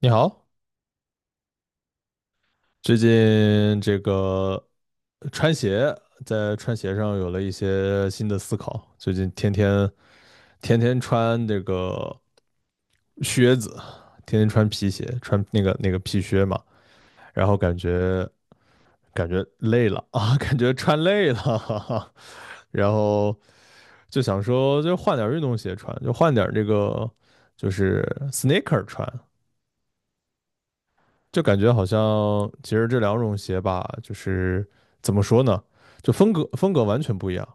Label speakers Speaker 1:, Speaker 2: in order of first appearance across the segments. Speaker 1: 你好，最近这个穿鞋，在穿鞋上有了一些新的思考。最近天天穿这个靴子，天天穿皮鞋，穿那个皮靴嘛，然后感觉累了啊，感觉穿累了，哈哈，然后就想说，就换点儿运动鞋穿，就换点儿这个就是 sneaker 穿。就感觉好像其实这两种鞋吧，就是怎么说呢，就风格完全不一样。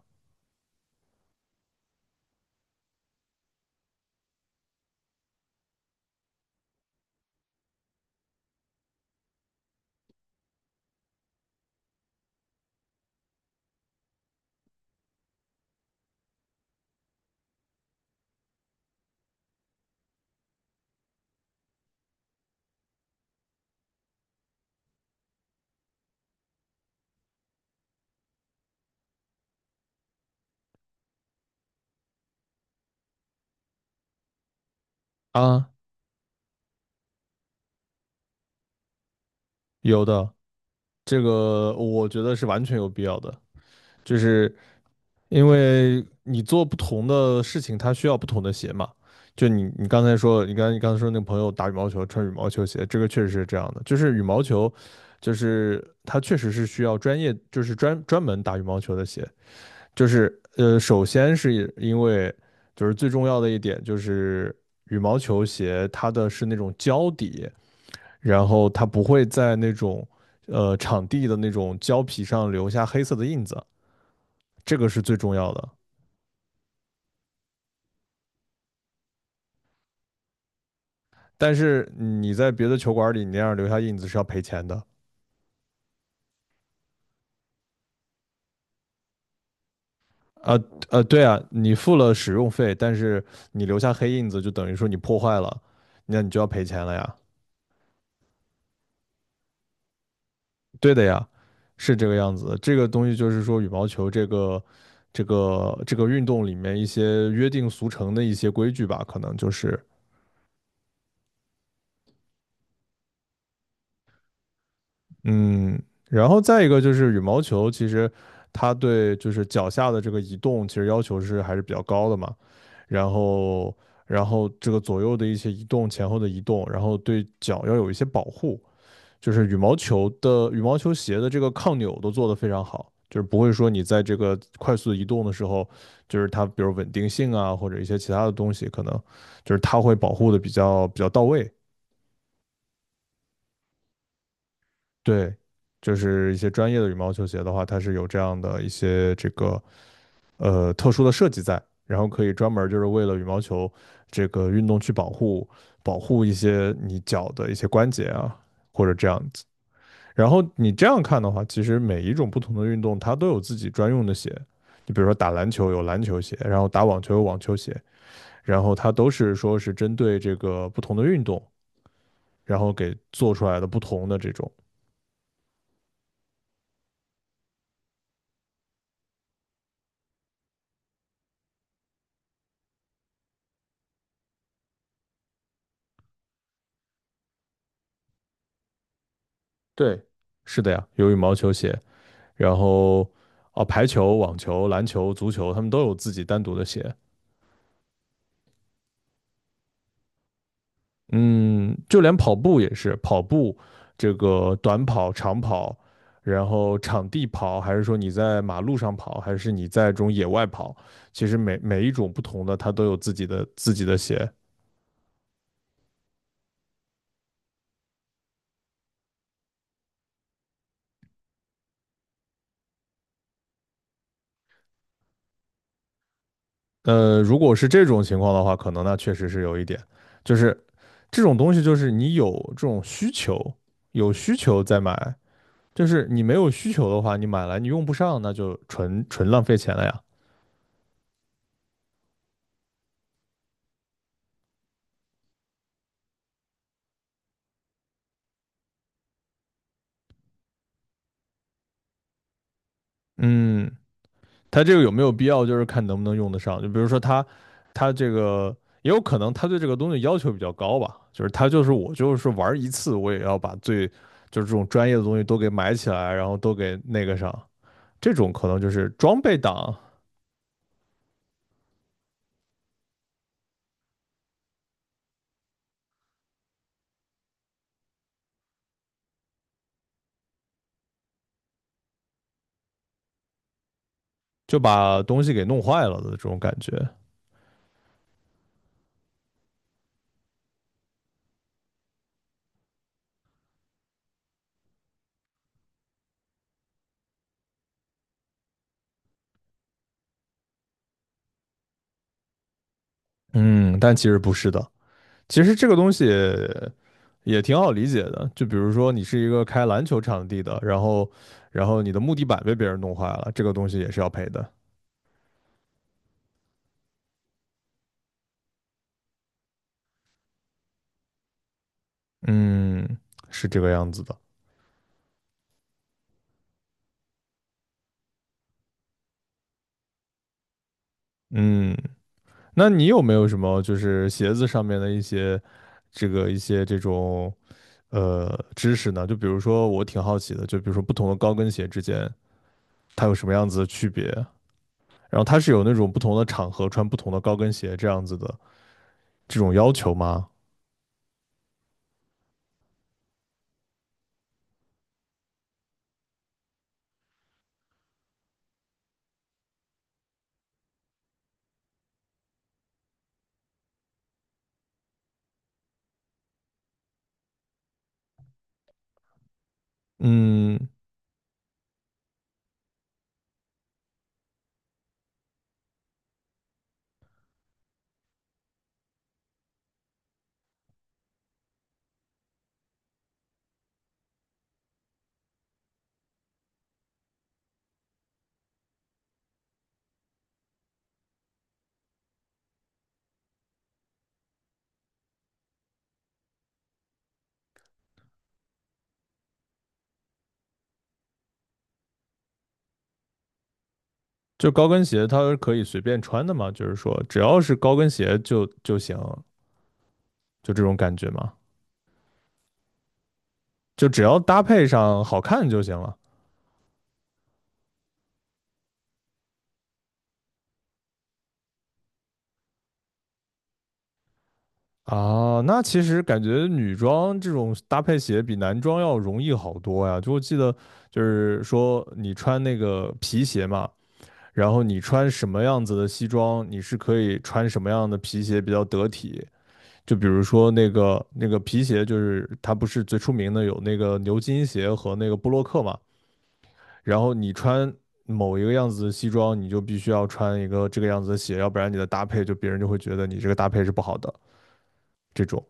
Speaker 1: 啊，有的，这个我觉得是完全有必要的。就是因为你做不同的事情，它需要不同的鞋嘛。就你刚才说，你刚才说那个朋友打羽毛球穿羽毛球鞋，这个确实是这样的。就是羽毛球，就是它确实是需要专业，就是专门打羽毛球的鞋。就是首先是因为就是最重要的一点就是羽毛球鞋它的是那种胶底，然后它不会在那种场地的那种胶皮上留下黑色的印子，这个是最重要的。但是你在别的球馆里，你那样留下印子是要赔钱的。啊对啊，你付了使用费，但是你留下黑印子，就等于说你破坏了，那你就要赔钱了呀。对的呀，是这个样子的。这个东西就是说，羽毛球这个这个运动里面一些约定俗成的一些规矩吧，可能就是嗯，然后再一个就是羽毛球，其实它对就是脚下的这个移动，其实要求是还是比较高的嘛。然后然后这个左右的一些移动、前后的移动，然后对脚要有一些保护，就是羽毛球的羽毛球鞋的这个抗扭都做得非常好，就是不会说你在这个快速移动的时候，就是它比如稳定性啊或者一些其他的东西，可能就是它会保护的比较到位，对。就是一些专业的羽毛球鞋的话，它是有这样的一些这个特殊的设计在，然后可以专门就是为了羽毛球这个运动去保护一些你脚的一些关节啊，或者这样子。然后你这样看的话，其实每一种不同的运动它都有自己专用的鞋，你比如说打篮球有篮球鞋，然后打网球有网球鞋，然后它都是说是针对这个不同的运动，然后给做出来的不同的这种。对，是的呀，有羽毛球鞋，然后哦，排球、网球、篮球、足球，他们都有自己单独的鞋。嗯，就连跑步也是，跑步这个短跑、长跑，然后场地跑，还是说你在马路上跑，还是你在这种野外跑，其实每一种不同的，它都有自己的鞋。如果是这种情况的话，可能那确实是有一点，就是这种东西，就是你有这种需求，有需求再买，就是你没有需求的话，你买来你用不上，那就纯纯浪费钱了呀。嗯，他这个有没有必要，就是看能不能用得上。就比如说他，他这个也有可能他对这个东西要求比较高吧，就是他就是我就是玩一次，我也要把最就是这种专业的东西都给买起来，然后都给那个上。这种可能就是装备党就把东西给弄坏了的这种感觉。嗯，但其实不是的。其实这个东西也挺好理解的，就比如说你是一个开篮球场地的，然后然后你的木地板被别人弄坏了，这个东西也是要赔的。嗯，是这个样子的。嗯，那你有没有什么就是鞋子上面的一些这个一些这种知识呢？就比如说我挺好奇的，就比如说不同的高跟鞋之间它有什么样子的区别？然后它是有那种不同的场合穿不同的高跟鞋这样子的这种要求吗？嗯，就高跟鞋它是可以随便穿的吗？就是说只要是高跟鞋就行，就这种感觉吗？就只要搭配上好看就行了。啊，那其实感觉女装这种搭配鞋比男装要容易好多呀。就我记得，就是说你穿那个皮鞋嘛，然后你穿什么样子的西装，你是可以穿什么样的皮鞋比较得体。就比如说那个皮鞋，就是它不是最出名的有那个牛津鞋和那个布洛克嘛。然后你穿某一个样子的西装，你就必须要穿一个这个样子的鞋，要不然你的搭配就别人就会觉得你这个搭配是不好的这种。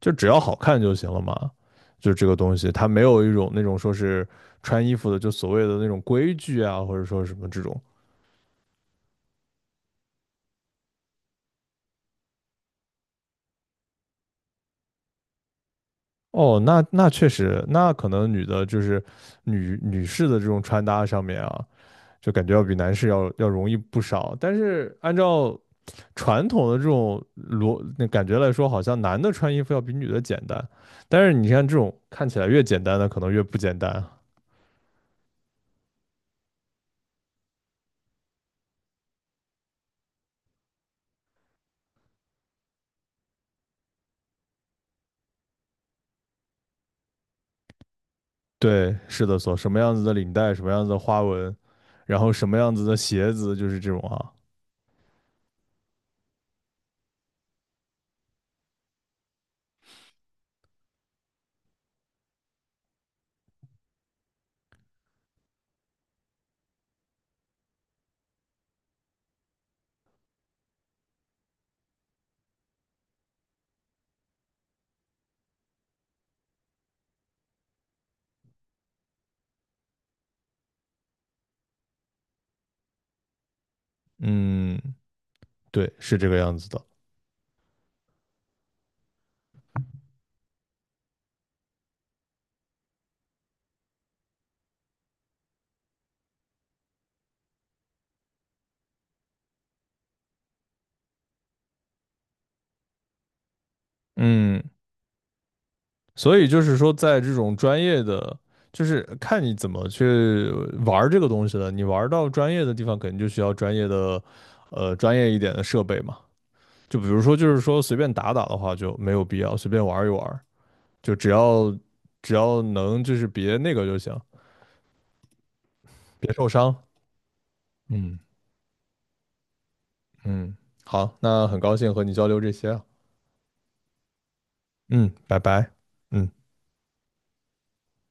Speaker 1: 就只要好看就行了嘛。就这个东西，它没有一种那种说是穿衣服的，就所谓的那种规矩啊，或者说什么这种。哦，那那确实，那可能女的就是女士的这种穿搭上面啊，就感觉要比男士要容易不少。但是按照传统的这种逻那感觉来说，好像男的穿衣服要比女的简单。但是你看这种看起来越简单的，可能越不简单。对，是的所，什么样子的领带，什么样子的花纹，然后什么样子的鞋子，就是这种啊。嗯，对，是这个样子的。嗯，所以就是说，在这种专业的，就是看你怎么去玩儿这个东西了。你玩儿到专业的地方，肯定就需要专业的，专业一点的设备嘛。就比如说，就是说随便打打的话就没有必要，随便玩一玩，就只要能就是别那个就行，别受伤。嗯。嗯，好，那很高兴和你交流这些啊。嗯，拜拜。嗯。